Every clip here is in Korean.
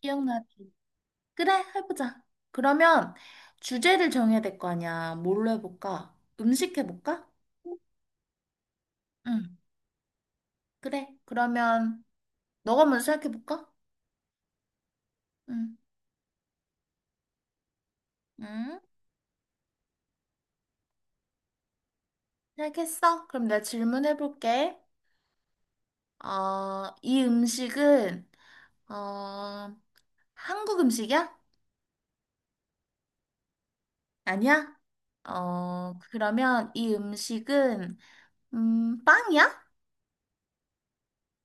기억나지? 그래, 해보자. 그러면 주제를 정해야 될 거 아니야. 뭘로 해볼까? 음식 해볼까? 응, 그래. 그러면 너가 먼저 생각해볼까? 응, 응, 생각했어. 그럼 내가 질문해볼게. 이 음식은, 어, 한국 음식이야? 아니야? 그러면 이 음식은, 빵이야?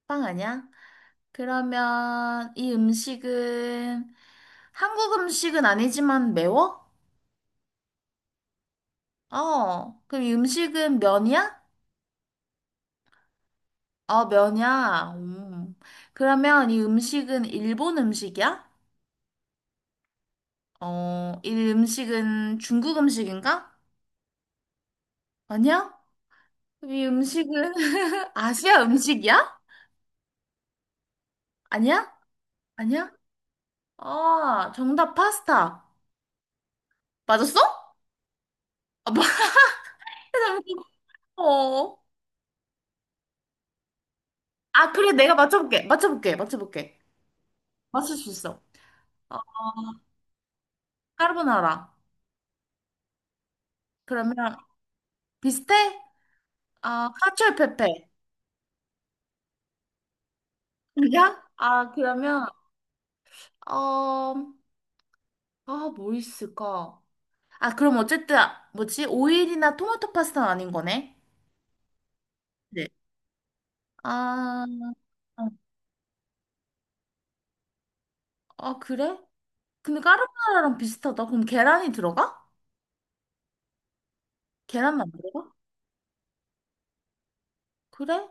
빵 아니야? 그러면 이 음식은 한국 음식은 아니지만 매워? 그럼 이 음식은 면이야? 면이야. 음. 그러면 이 음식은 일본 음식이야? 이 음식은 중국 음식인가? 아니야? 그럼 이 음식은 아시아 음식이야? 아니야? 아니야? 아, 정답 파스타. 맞았어? 아, 어. 아, 그래, 내가 맞춰볼게. 맞춰볼게. 맞춰볼게. 맞출 수 있어. 어, 까르보나라. 그러면 비슷해? 아, 카츄페페. 아니야? 아, 그러면 어, 아, 뭐 있을까? 아, 그럼 어쨌든 뭐지? 오일이나 토마토 파스타는 아닌 거네. 네. 아, 어, 아, 그래? 근데 까르보나라랑 비슷하다. 그럼 계란이 들어가? 계란은 안 들어가? 그래?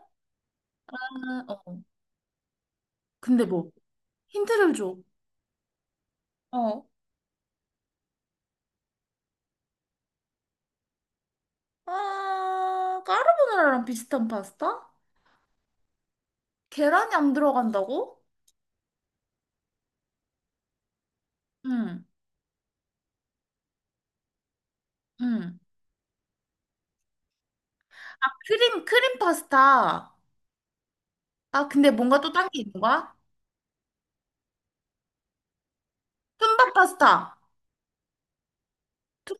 아, 어. 근데 뭐 힌트를 줘. 어. 아, 까르보나라랑 비슷한 파스타? 계란이 안 들어간다고? 응. 응. 아, 크림 파스타. 아, 근데 뭔가 또 딴 게 있는 거야? 툰바 파스타. 툰,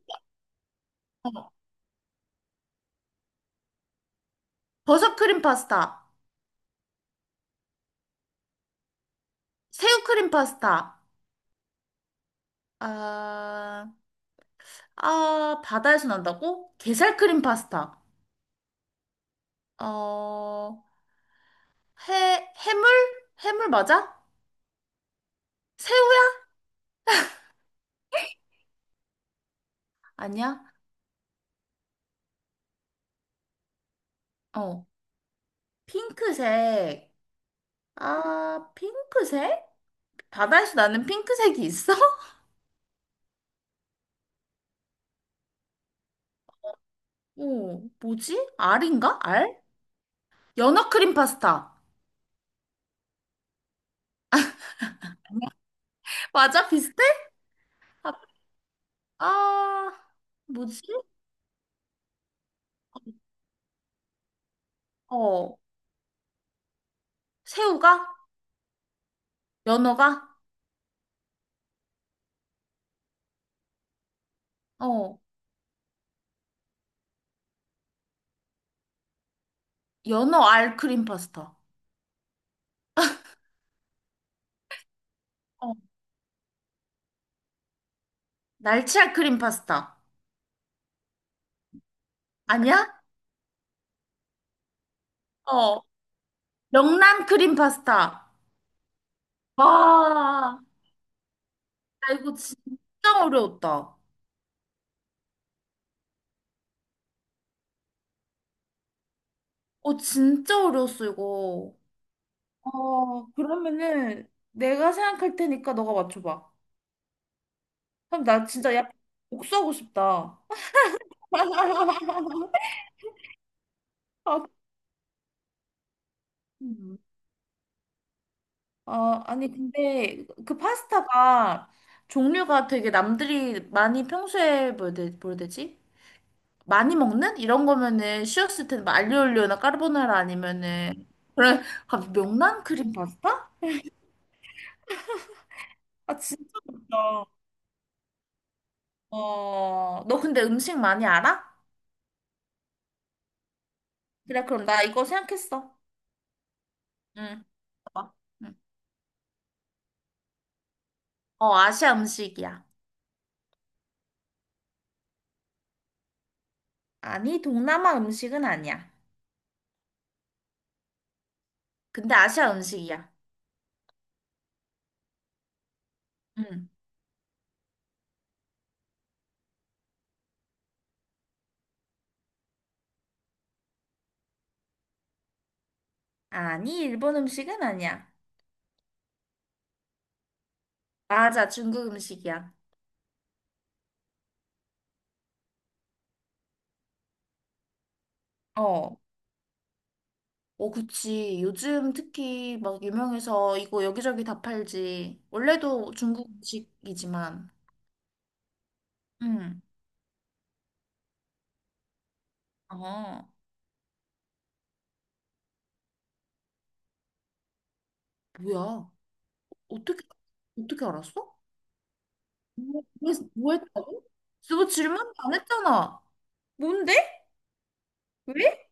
어, 버섯 크림 파스타. 새우 크림 파스타. 아, 아, 바다에서 난다고? 게살 크림 파스타. 어, 해물? 해물 맞아? 새우야? 아니야? 어, 핑크색. 아, 핑크색? 바다에서 나는 핑크색이 있어? 어, 뭐지? 알인가? 알? 연어 크림 파스타. 맞아? 비슷해? 아, 뭐지? 어, 새우가? 연어가? 어, 연어 알크림 파스타. 어, 날치 알크림 파스타. 아니야? 어, 명란 크림 파스타. 와, 나 이거 진짜 어려웠다. 진짜 어려웠어, 이거. 그러면은 내가 생각할 테니까 너가 맞춰봐. 그럼 나 진짜 약 복수하고 싶다. 아, 음. 아, 아니, 근데 그 파스타가 종류가 되게 남들이 많이 평소에 뭐라 해야 되지? 많이 먹는? 이런 거면은 쉬웠을 텐데, 뭐 알리올리오나 까르보나라 아니면은. 그래, 갑자기 명란 크림 파스타? 아, 진짜 있다. 너 근데 음식 많이 알아? 그래, 그럼 나 이거 생각했어. 응. 봐봐. 응. 아시아 음식이야. 아니, 동남아 음식은 아니야. 근데 아시아 음식이야. 응. 아니, 일본 음식은 아니야. 맞아, 중국 음식이야. 어. 그치. 요즘 특히 막 유명해서 이거 여기저기 다 팔지. 원래도 중국 음식이지만. 응. 어. 뭐야? 어떻게, 어떻게 알았어? 뭐 했다고? 너 질문도 안 했잖아. 뭔데? 왜?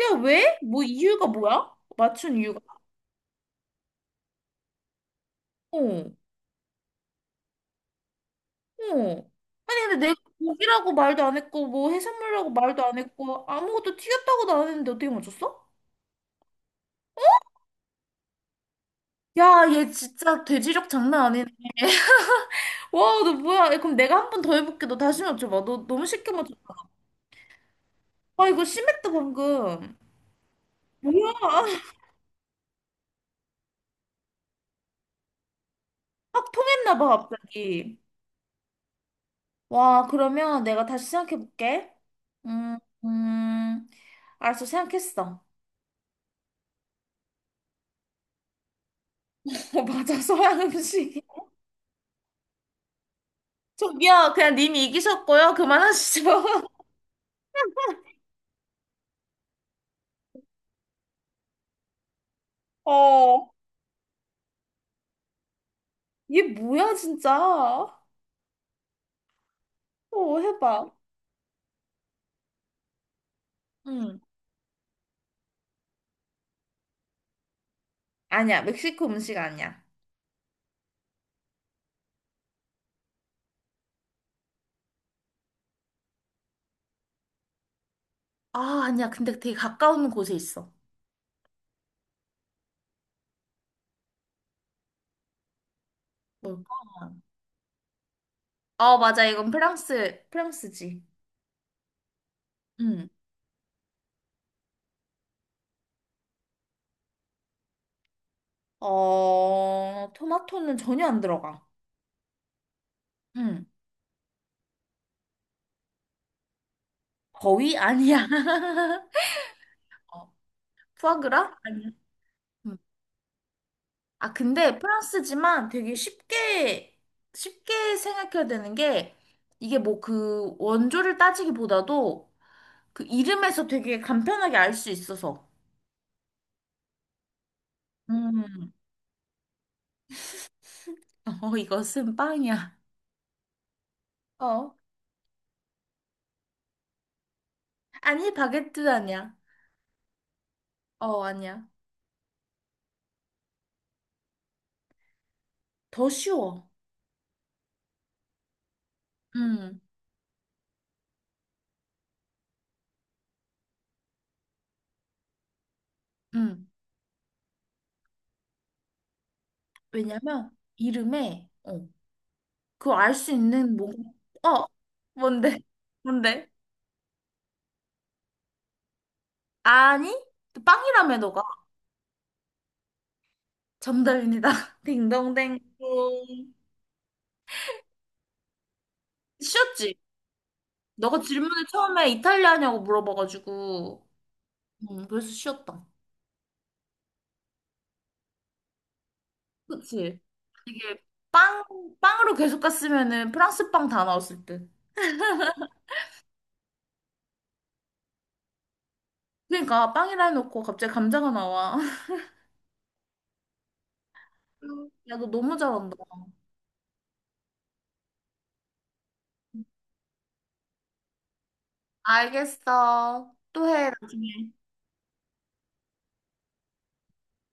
야, 왜? 뭐 이유가 뭐야? 맞춘 이유가? 어. 어. 아니, 근데 내가 고기라고 말도 안 했고, 뭐 해산물이라고 말도 안 했고, 아무것도 튀겼다고도 안 했는데 어떻게 맞췄어? 야, 얘 진짜 돼지력 장난 아니네. 와, 너 뭐야? 야, 그럼 내가 한 번 더 해볼게. 너 다시 맞춰봐. 너 너무 쉽게 와, 이거 심했다, 방금. 뭐야? 확 통했나 봐, 갑자기. 와, 그러면 내가 다시 생각해볼게. 음, 음. 알았어, 생각했어. 어, 맞아, 서양 음식. 저기요, 그냥 님이 이기셨고요. 그만하시죠. 어. 얘 뭐야, 진짜? 해봐. 응. 아니야, 멕시코 음식 아니야. 아, 아니야. 근데 되게 가까운 곳에 있어. 뭘까? 아, 맞아. 이건 프랑스, 프랑스지. 응. 토마토는 전혀 안 들어가. 응. 거의 아니야. 어, 푸아그라? 아니야. 음. 아, 근데 프랑스지만 되게 쉽게, 쉽게 생각해야 되는 게, 이게 뭐 그 원조를 따지기보다도 그 이름에서 되게 간편하게 알 수 있어서. 음. 이것은 빵이야. 어. 아니, 바게트 아니야. 아니야. 더 쉬워. 응, 음 왜냐면 이름에 그거 알 수 있는 어, 뭔데? 뭔데? 아니? 빵이라며 너가. 정답입니다. 딩동댕. 쉬웠지? 너가 질문을 처음에 이탈리아냐고 물어봐가지고. 그래서 쉬웠다. 그치? 이게 빵, 빵으로 계속 갔으면은 프랑스 빵 다 나왔을 듯. 그러니까 빵이라 해놓고 갑자기 감자가 나와. 야, 너 너무 잘한다. 알겠어. 또 해, 나중에.